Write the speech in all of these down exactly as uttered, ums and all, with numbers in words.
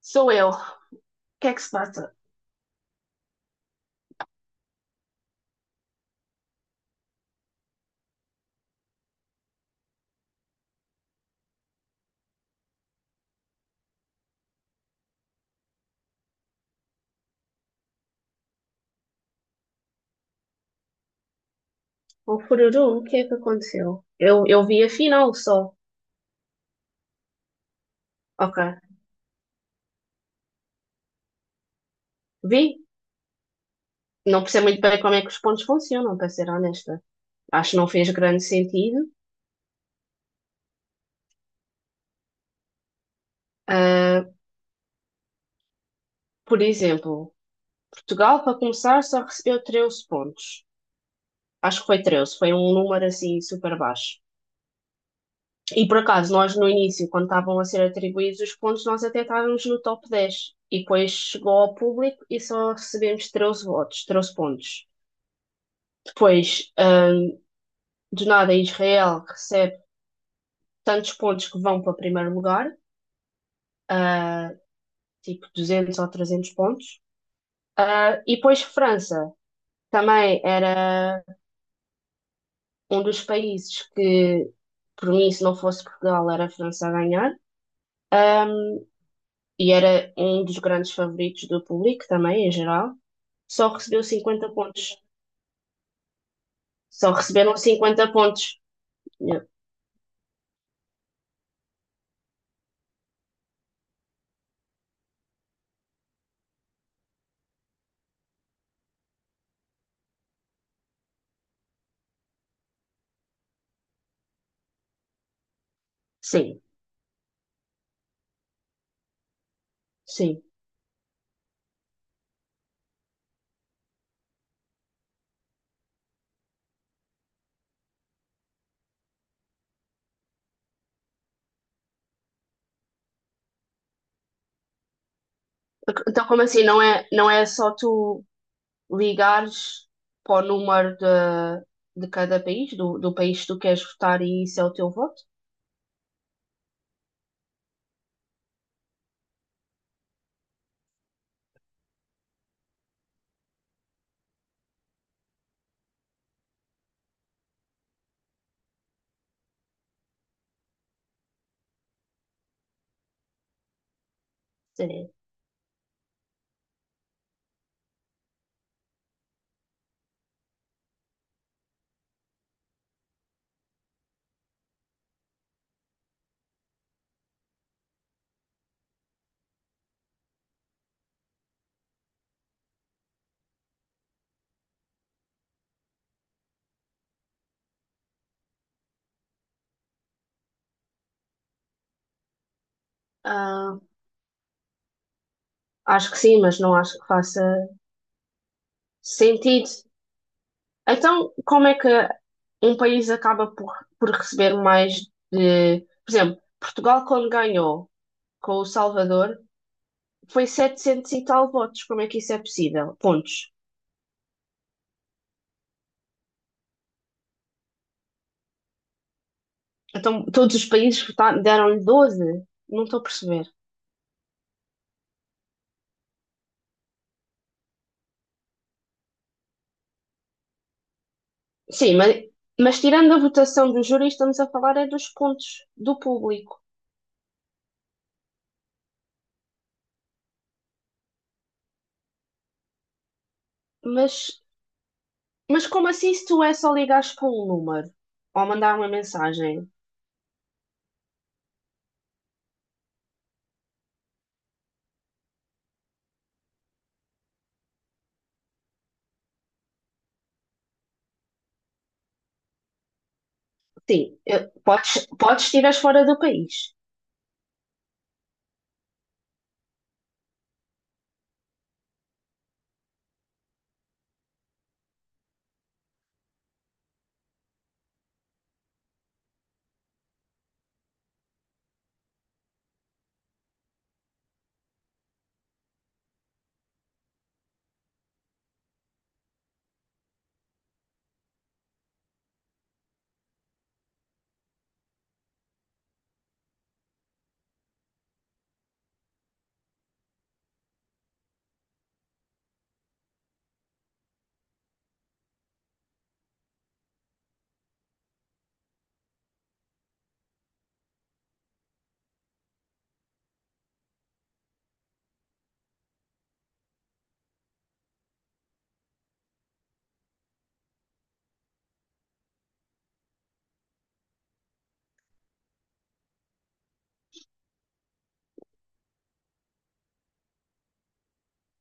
Sou eu. O que é que se passa? O Fururu, o que é que aconteceu? Eu, eu vi a final só. Ok. Vi. Não percebo muito bem como é que os pontos funcionam, para ser honesta. Acho que não fez grande sentido. Ah, Por exemplo, Portugal, para começar, só recebeu treze pontos. Acho que foi treze, foi um número assim super baixo. E por acaso, nós no início, quando estavam a ser atribuídos os pontos, nós até estávamos no top dez. E depois chegou ao público e só recebemos treze votos, treze pontos. Depois, do nada, Israel recebe tantos pontos que vão para o primeiro lugar, tipo duzentos ou trezentos pontos. Ah, e depois França também era um dos países que, por mim, se não fosse Portugal, era a França a ganhar. Ahm, e era um dos grandes favoritos do público também, em geral. Só recebeu cinquenta pontos. Só receberam cinquenta pontos. Yeah. Sim, sim. Então, como assim? Não é, não é só tu ligares para o número de, de cada país, do, do país que tu queres votar, e isso é o teu voto? Sim. Ah, Acho que sim, mas não acho que faça sentido. Então, como é que um país acaba por, por receber mais de. Por exemplo, Portugal, quando ganhou com o Salvador. Foi setecentos e tal votos. Como é que isso é possível? Pontos. Então, todos os países vota- deram-lhe doze? Não estou a perceber. Sim, mas, mas tirando a votação do júri, estamos a falar é dos pontos do público. Mas, mas como assim se tu é só ligares para um número ou mandar uma mensagem? Sim, eh, podes, podes tirar fora do país.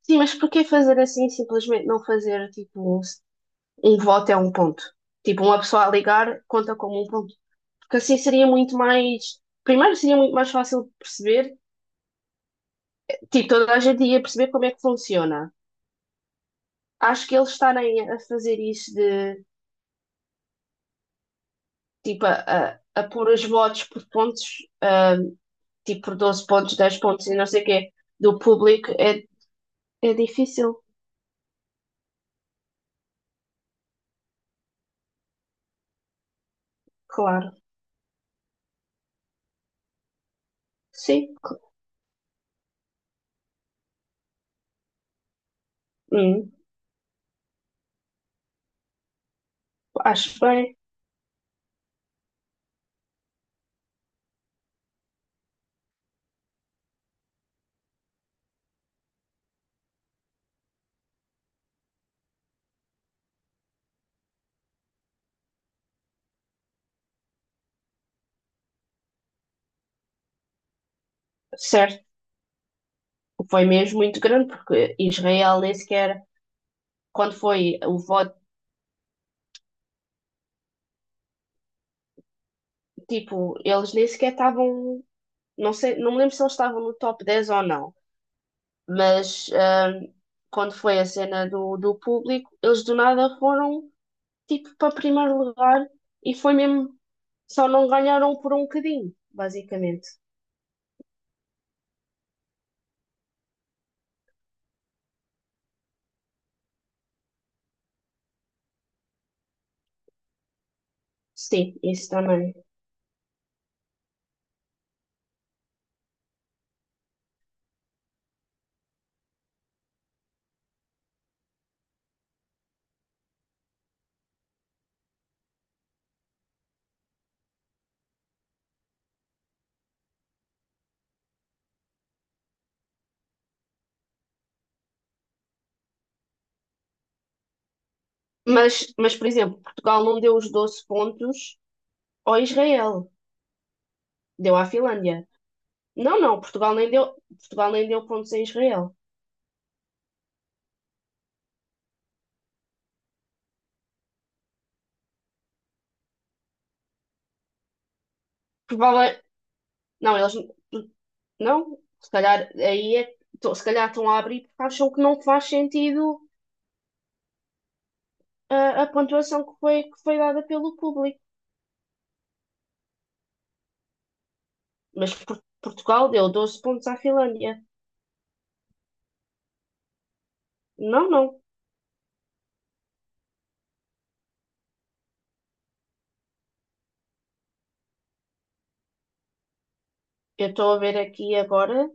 Sim, mas porquê fazer assim simplesmente não fazer tipo um, um voto é um ponto? Tipo, uma pessoa a ligar conta como um ponto. Porque assim seria muito mais. Primeiro, seria muito mais fácil de perceber, tipo, toda a gente ia perceber como é que funciona. Acho que eles estarem a fazer isso de, tipo, a, a, a pôr os votos por pontos, ah, tipo, por doze pontos, dez pontos e não sei o quê, do público, é, é difícil, claro. Sim, cl- hum, acho bem. Certo. Foi mesmo muito grande, porque Israel nem sequer, quando foi o voto, tipo, eles nem sequer estavam, não sei, não me lembro se eles estavam no top dez ou não. Mas ahm, quando foi a cena do, do público, eles do nada foram tipo para primeiro lugar e foi mesmo, só não ganharam por um bocadinho, basicamente. Sim, isso também. Mas, mas, por exemplo, Portugal não deu os doze pontos ao Israel, deu à Finlândia. Não, não, Portugal nem deu, Portugal nem deu pontos a Israel. Provavelmente, não, eles não, se calhar aí é, tô- se calhar estão a abrir porque acham que não faz sentido a, a pontuação que foi, que foi dada pelo público. Mas Por- Portugal deu doze pontos à Finlândia. Não, não. Eu estou a ver aqui agora,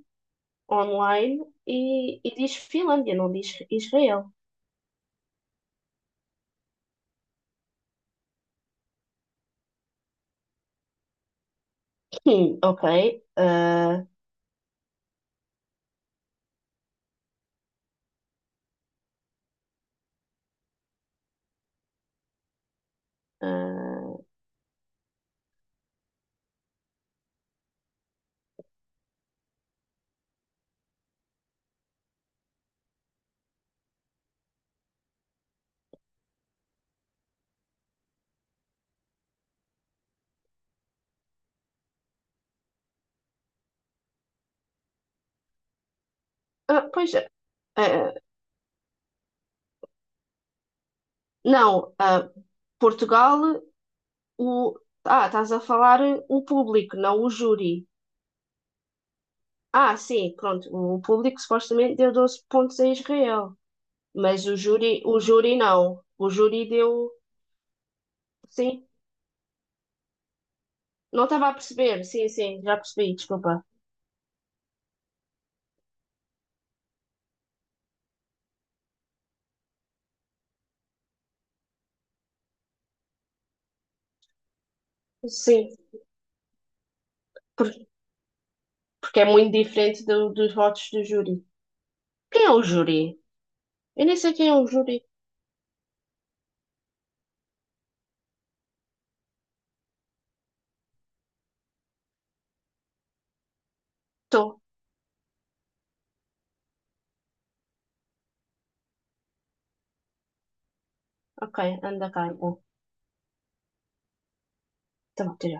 online, e, e diz Finlândia, não diz Israel. Hum, ok. ah, ah, ah, Pois é. Ah, não, ah, Portugal, o. Ah, estás a falar o público, não o júri. Ah, sim, pronto. O público supostamente deu doze pontos a Israel, mas o júri, o júri não. O júri deu. Sim, não estava a perceber. Sim, sim, já percebi, desculpa. Sim, por- porque é muito diferente do- dos votos do júri. Quem é o júri? Eu nem sei quem é o júri. Estou. Ok, anda cá. Então, Tá